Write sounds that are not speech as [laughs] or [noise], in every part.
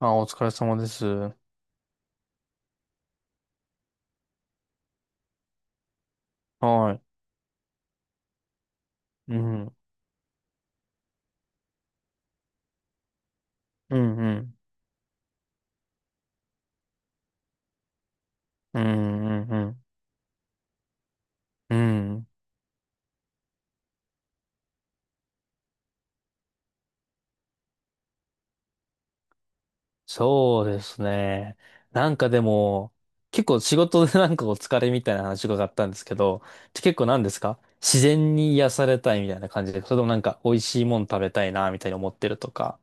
あ、お疲れ様です。はい。うん。うんうん。うんうんうん。うん。そうですね。なんかでも、結構仕事でなんかお疲れみたいな話伺ったんですけど、結構何ですか、自然に癒されたいみたいな感じで、それともなんか美味しいもの食べたいなみたいに思ってるとか、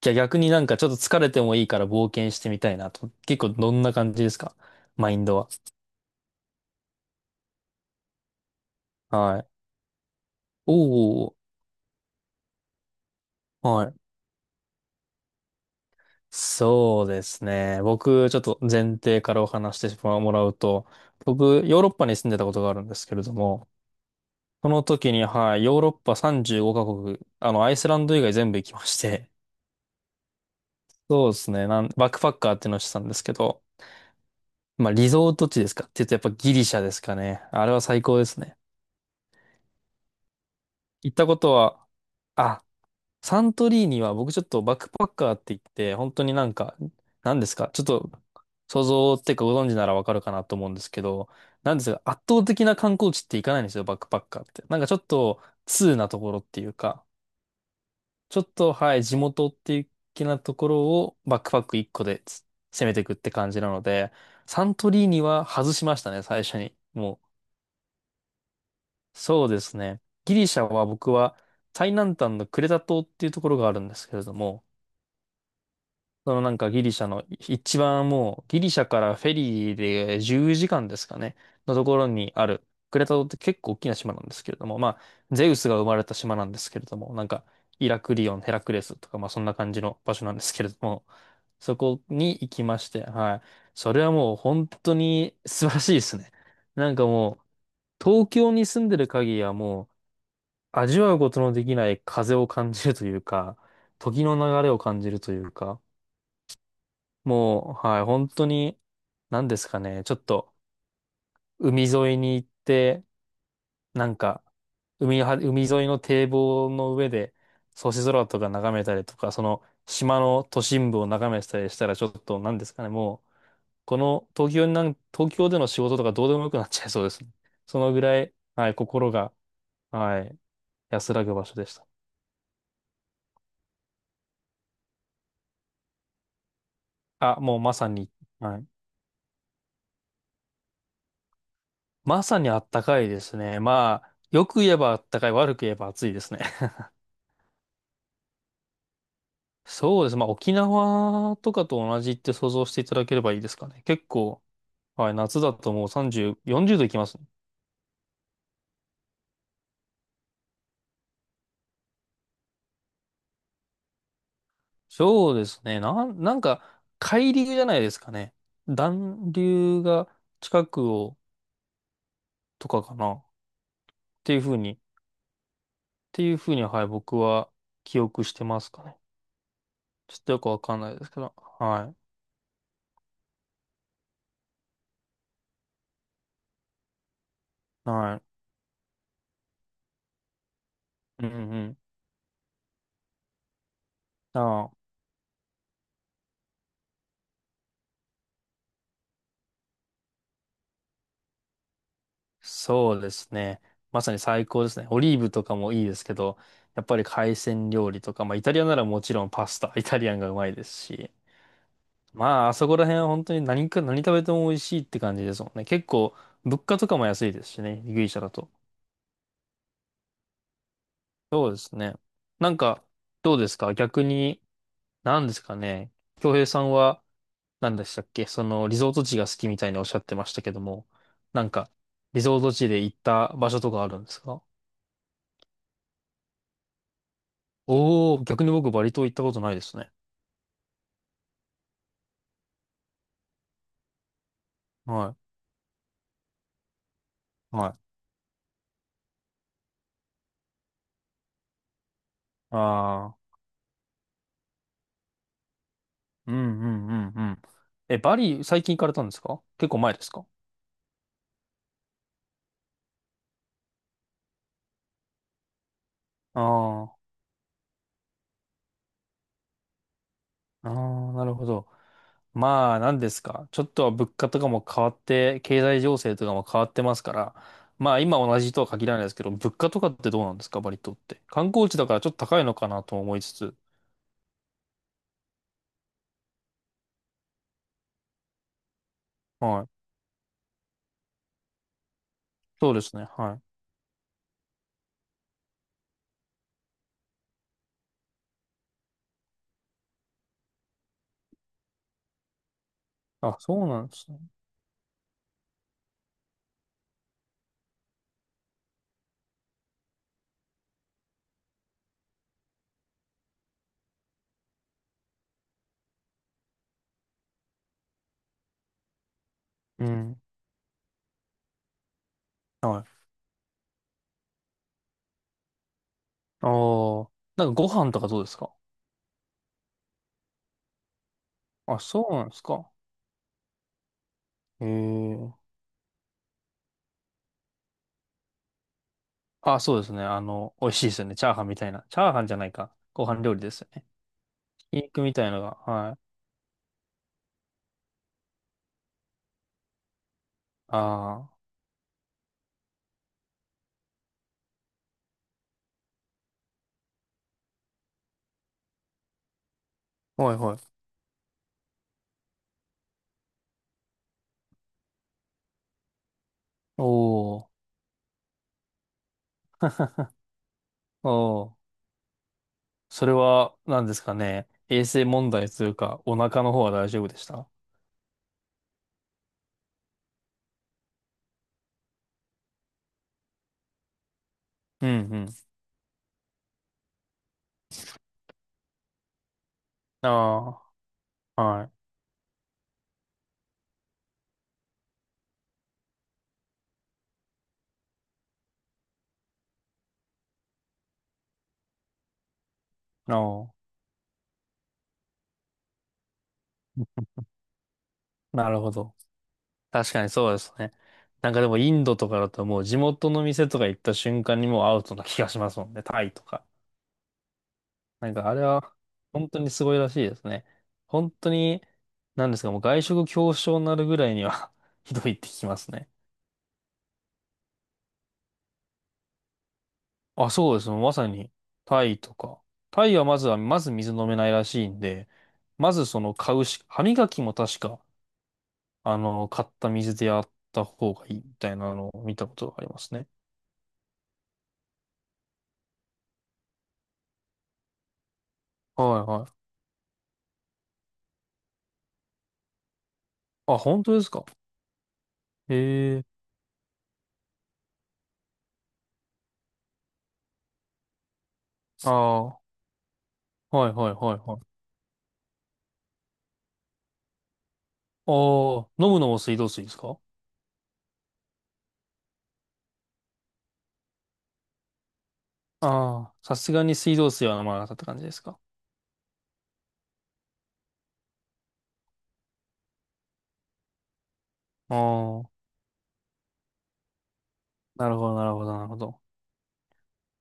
じゃあ逆になんかちょっと疲れてもいいから冒険してみたいなと、結構どんな感じですか？マインドは。はい。おー、はい。そうですね。僕、ちょっと前提からお話してもらうと、僕、ヨーロッパに住んでたことがあるんですけれども、その時に、はい、ヨーロッパ35カ国、アイスランド以外全部行きまして、[laughs] そうですね、バックパッカーっていうのをしてたんですけど、まあ、リゾート地ですかって言うとやっぱギリシャですかね。あれは最高ですね。行ったことは、あ、サントリーニは僕ちょっとバックパッカーって言って、本当になんか、何ですか、ちょっと想像っていうか、ご存知ならわかるかなと思うんですけど、なんですか、圧倒的な観光地って行かないんですよ、バックパッカーって。なんかちょっと通なところっていうか、ちょっとはい、地元っていう気なところをバックパック1個で攻めていくって感じなので、サントリーニは外しましたね、最初に。もう、そうですね。ギリシャは僕は最南端のクレタ島っていうところがあるんですけれども、そのなんかギリシャの一番、もうギリシャからフェリーで10時間ですかね、のところにあるクレタ島って結構大きな島なんですけれども、まあゼウスが生まれた島なんですけれども、なんかイラクリオン、ヘラクレスとかまあそんな感じの場所なんですけれども、そこに行きまして、はい。それはもう本当に素晴らしいですね。なんかもう東京に住んでる限りはもう味わうことのできない風を感じるというか、時の流れを感じるというか、もう、はい、本当に、何ですかね、ちょっと、海沿いに行って、なんか、海沿いの堤防の上で、星空とか眺めたりとか、その、島の都心部を眺めてたりしたら、ちょっと、何ですかね、もう、この、東京になん、東京での仕事とかどうでもよくなっちゃいそうですね。そのぐらい、はい、心が、はい、安らぐ場所でした。あ、もうまさに、はい。まさにあったかいですね。まあ、よく言えばあったかい、悪く言えば暑いですね。そうですね。まあ、沖縄とかと同じって想像していただければいいですかね。結構、はい、夏だともう30、40度いきますね。そうですね。なんか、海流じゃないですかね。暖流が近くを、とかかな。っていうふうに、はい、僕は記憶してますかね。ちょっとよくわかんないですけど。はい。はい。うんうん。ああ、そうですね。まさに最高ですね。オリーブとかもいいですけど、やっぱり海鮮料理とか、まあイタリアならもちろんパスタ、イタリアンがうまいですし、まああそこら辺は本当に何か何食べても美味しいって感じですもんね。結構物価とかも安いですしね、ギリシャだと。そうですね。なんか、どうですか逆に、何ですかね。京平さんは何でしたっけ、そのリゾート地が好きみたいにおっしゃってましたけども、なんかリゾート地で行った場所とかあるんですか？おー、逆に僕バリ島行ったことないですね。はい。はい。ああ、うんうんうんうん。え、バリ最近行かれたんですか？結構前ですか？ああ、ああ、なるほど。まあ、なんですか。ちょっとは物価とかも変わって、経済情勢とかも変わってますから、まあ今同じとは限らないですけど、物価とかってどうなんですか、バリ島って。観光地だからちょっと高いのかなと思いつつ。はい。そうですね。はい。あ、そうなんですね。うん。はい。ああ、なんかご飯とかどうですか？あ、そうなんですか。えー、あ、そうですね。あの、美味しいですよね。チャーハンみたいな。チャーハンじゃないか。ご飯料理ですよね。ひき肉みたいのが。はい。ああ。はいはい。おー。おー。それは、何ですかね。衛生問題というか、お腹の方は大丈夫でした？うんうん。ああ。はい。あー、なるほど。確かにそうですね。なんかでもインドとかだともう地元の店とか行った瞬間にもうアウトな気がしますもんね。タイとか。なんかあれは本当にすごいらしいですね。本当に、なんですか、もう外食恐怖症になるぐらいには [laughs] ひどいって聞きますね。あ、そうですね、まさにタイとか。タイはまず水飲めないらしいんで、まずその買うし、歯磨きも確か、あの、買った水でやった方がいいみたいなのを見たことがありますね。はいはい。あ、本当ですか？へえ。ああ、はいはいはいはい。ああ、飲むのも水道水ですか？ああ、さすがに水道水は飲まなかったって感じですか。ああ、なるほど、なるほど、なるほど。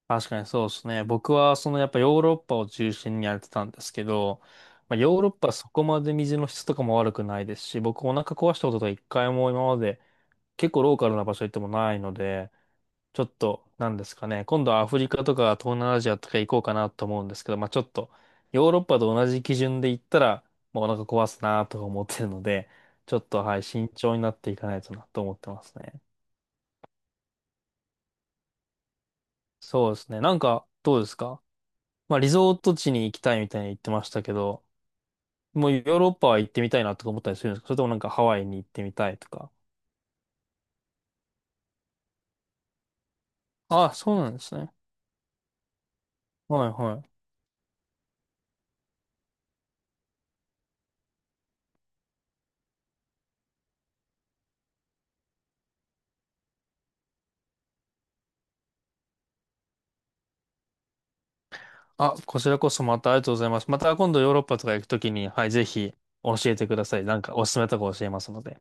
確かにそうですね。僕は、そのやっぱヨーロッパを中心にやってたんですけど、まあ、ヨーロッパはそこまで水の質とかも悪くないですし、僕お腹壊したことが一回も今まで結構ローカルな場所行ってもないので、ちょっと、なんですかね。今度はアフリカとか東南アジアとか行こうかなと思うんですけど、まあちょっと、ヨーロッパと同じ基準で行ったら、もうお腹壊すなとか思ってるので、ちょっと、はい、慎重になっていかないとなと思ってますね。そうですね。なんか、どうですか？まあリゾート地に行きたいみたいに言ってましたけど、もうヨーロッパは行ってみたいなとか思ったりするんですか？それともなんかハワイに行ってみたいとか。ああ、そうなんですね。はいはい。あ、こちらこそまたありがとうございます。また今度ヨーロッパとか行くときに、はい、ぜひ教えてください。なんかおすすめとか教えますので。